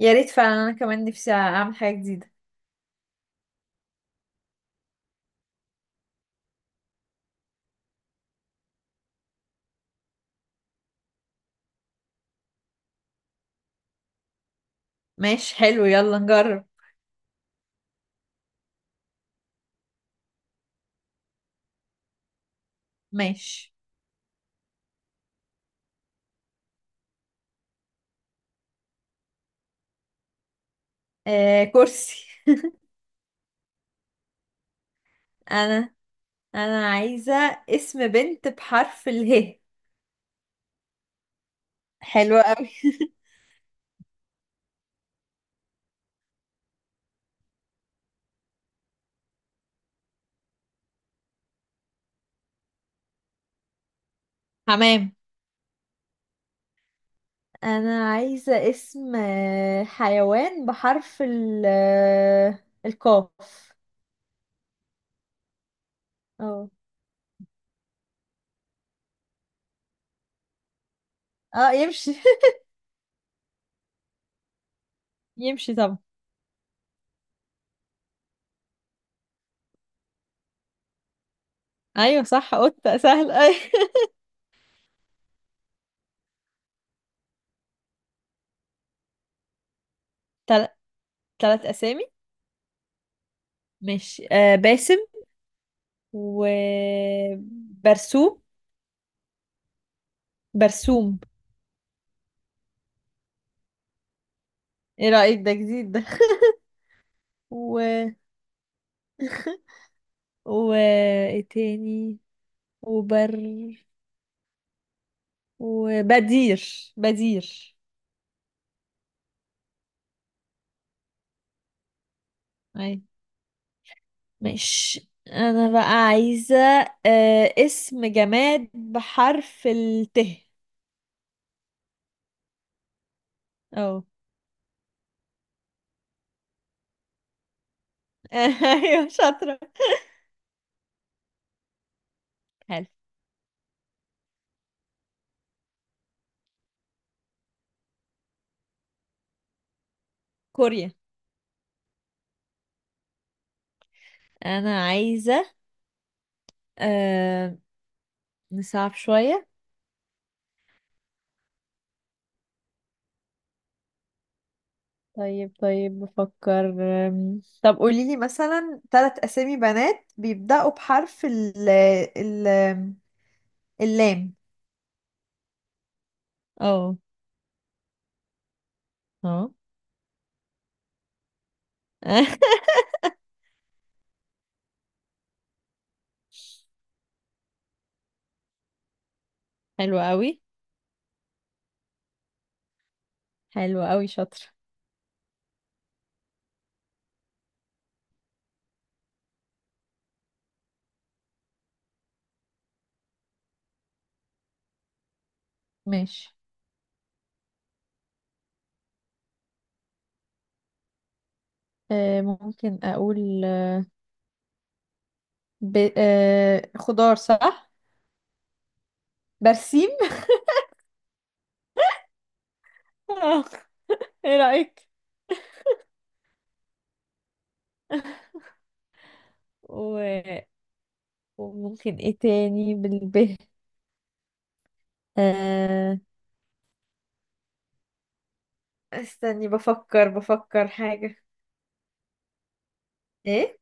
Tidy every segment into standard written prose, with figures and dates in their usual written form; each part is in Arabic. يا ريت فعلا، انا كمان نفسي اعمل حاجة جديدة. ماشي، حلو، يلا نجرب. ماشي. آه، كرسي. انا انا عايزة اسم بنت بحرف اله. حلو قوي. حمام. انا عايزة اسم حيوان بحرف ال القاف. اه. اه، يمشي. يمشي طبعا. ايوه، صح، قطة سهل، ايوه. تل... تلات اسامي. ماشي، باسم. وبرسوم. برسوم. ايه رأيك؟ ده جديد ده. و و ايه تاني؟ وبر وبدير. اي. مش انا بقى عايزة اسم جماد بحرف الت. اه. ايوه، شاطرة. حلو. كوريا. انا عايزة. آه نصعب شوية. طيب بفكر. طب قولي لي مثلا ثلاث أسامي بنات بيبدأوا بحرف ال اللام. اه. اه. حلو قوي. حلو قوي، شاطرة. ماشي. أه، ممكن أقول ب... أه خضار، صح. برسيم. آه، ايه رأيك؟ و... وممكن ايه تاني بالب؟ آه... استني، بفكر حاجة. ايه؟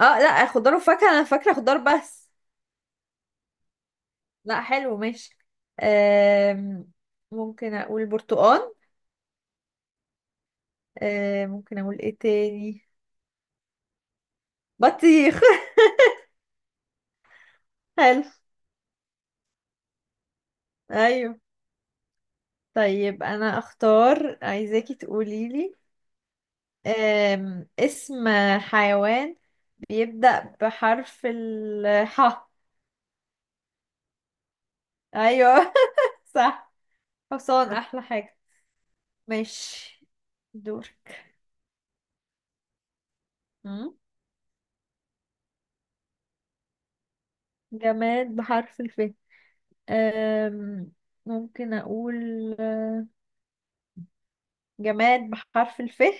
اه، لا، خضار وفاكهة، انا فاكرة خضار بس. لا، حلو، ماشي. آم، ممكن اقول برتقال. ممكن اقول ايه تاني؟ بطيخ. حلو. ايوه. طيب، انا اختار، عايزاكي تقولي لي اسم حيوان بيبدأ بحرف الحاء. ايوه. صح. حصان احلى حاجة. ماشي. دورك. مم. جماد بحرف الف. أم، ممكن أقول آه، جماد بحرف الف في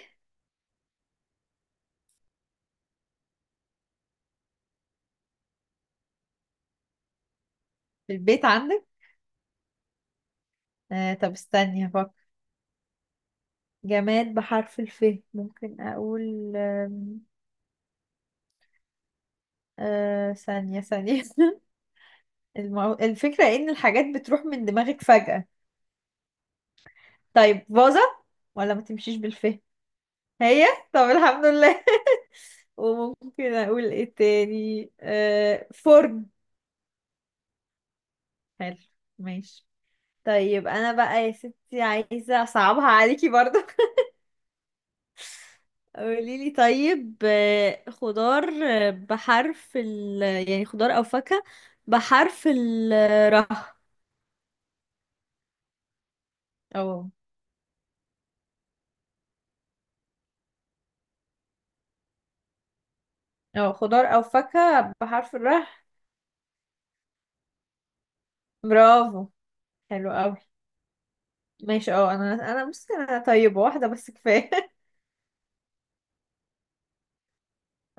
البيت عندك. أه، طب استني هفكر. جماد بحرف الف. ممكن أقول أه، ثانية ثانية. الفكرة إن الحاجات بتروح من دماغك فجأة. طيب، فازة. ولا ما تمشيش بالف؟ هي. طب الحمد لله. وممكن أقول إيه تاني؟ فرن. حلو. ماشي. طيب، أنا بقى يا ستي عايزة أصعبها عليكي برضه. قوليلي طيب، خضار بحرف ال، يعني خضار أو فاكهة بحرف الراء. اه. اه، خضار او فاكهة بحرف الراء. برافو. حلو قوي. ماشي. اه، انا بصي، انا طيبة، واحدة بس كفاية.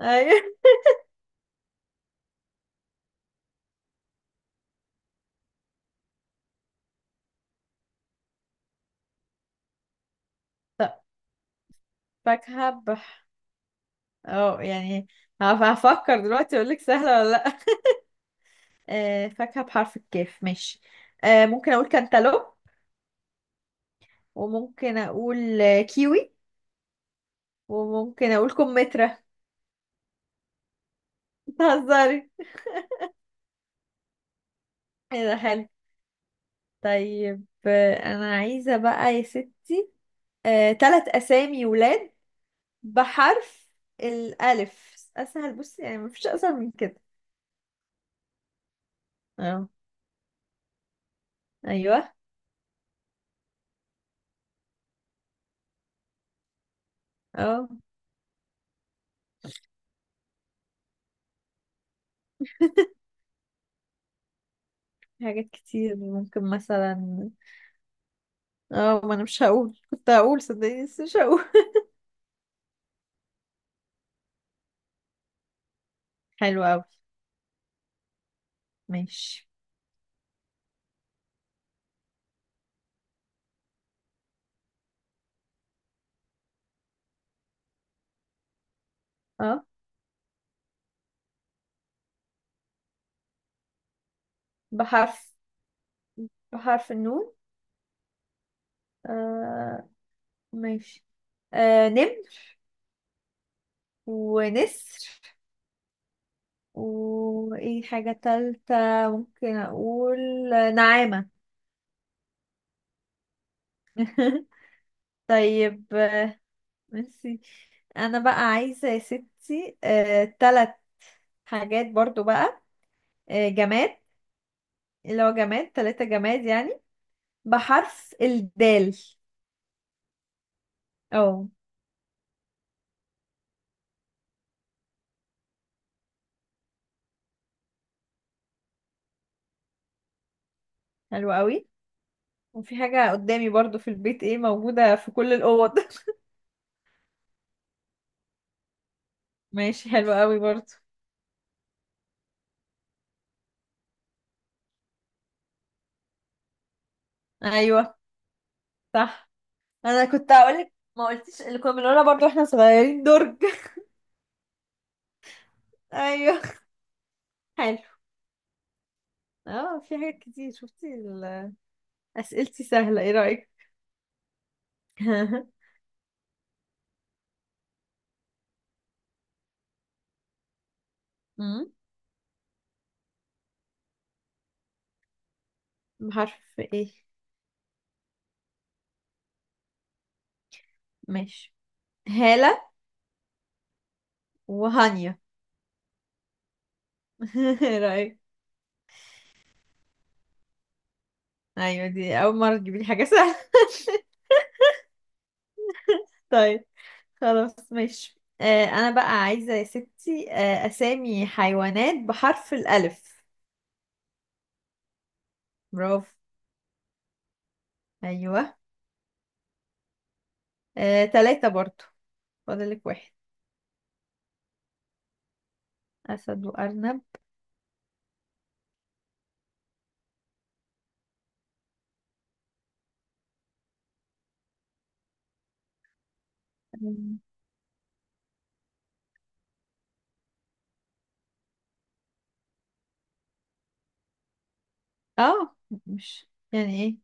ايوه. طب، فاكهة بح اه يعني هفكر دلوقتي، اقول لك سهلة ولا لا. فاكهة بحرف الكاف، ماشي. ممكن اقول كانتالوب. وممكن اقول كيوي. وممكن اقول كمثرى. بتهزري؟ ايه ده، حلو. طيب، انا عايزة بقى يا ست تلات اسامي ولاد بحرف الالف، اسهل بصي يعني مفيش اسهل من كده. اه. ايوه. اه، في حاجات كتير ممكن مثلا. اه، ما انا مش هقول، كنت هقول صدقني بس مش هقول. حلو اوي. ماشي. اه، بحرف بحرف النون. آه، ماشي. نمر. ونسر. وايه حاجة تالتة؟ ممكن اقول نعامة. طيب، ميرسي. انا بقى عايزة يا ستي تلات حاجات برضو بقى، جماد اللي هو جماد، تلاتة جماد يعني، بحرف الدال. اه. حلو قوي. وفي حاجة قدامي برضو في البيت، ايه موجودة في كل الأوض. ماشي، حلو قوي برضو. ايوه، صح. انا كنت هقولك ما قلتيش اللي كنا بنقولها برضو احنا صغيرين: درج. ايوه. حلو. اه، في حاجات كتير، شفتي اسئلتي سهلة، ايه رأيك؟ أمم، بحرف ايه؟ ماشي. هالة. وهانيا. ايه رأيك؟ ايوه، دي اول مرة تجيبي لي حاجة سهلة. طيب، خلاص ماشي. انا بقى عايزة يا ستي اسامي حيوانات بحرف الالف. برافو. ايوه. تلاتة برضو. فاضلك واحد. اسد وارنب. أمم. اه، مش يعني ايه؟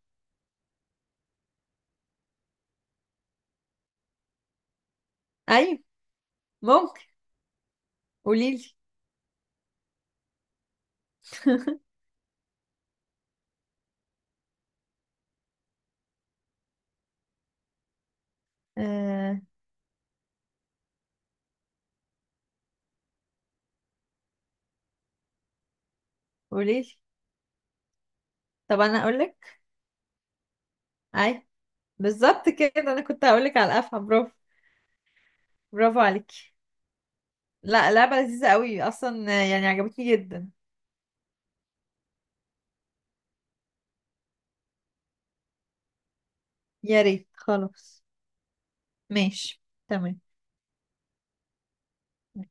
ايوه، ممكن. قوليلي. قوليلي. طب انا اقولك. اي. بالظبط كده، انا كنت هقولك على الافعى، برافو. برافو عليكي. لا، لعبة لذيذة قوي اصلا، يعني عجبتني جدا. يا ريت، خلاص. ماشي. تمام.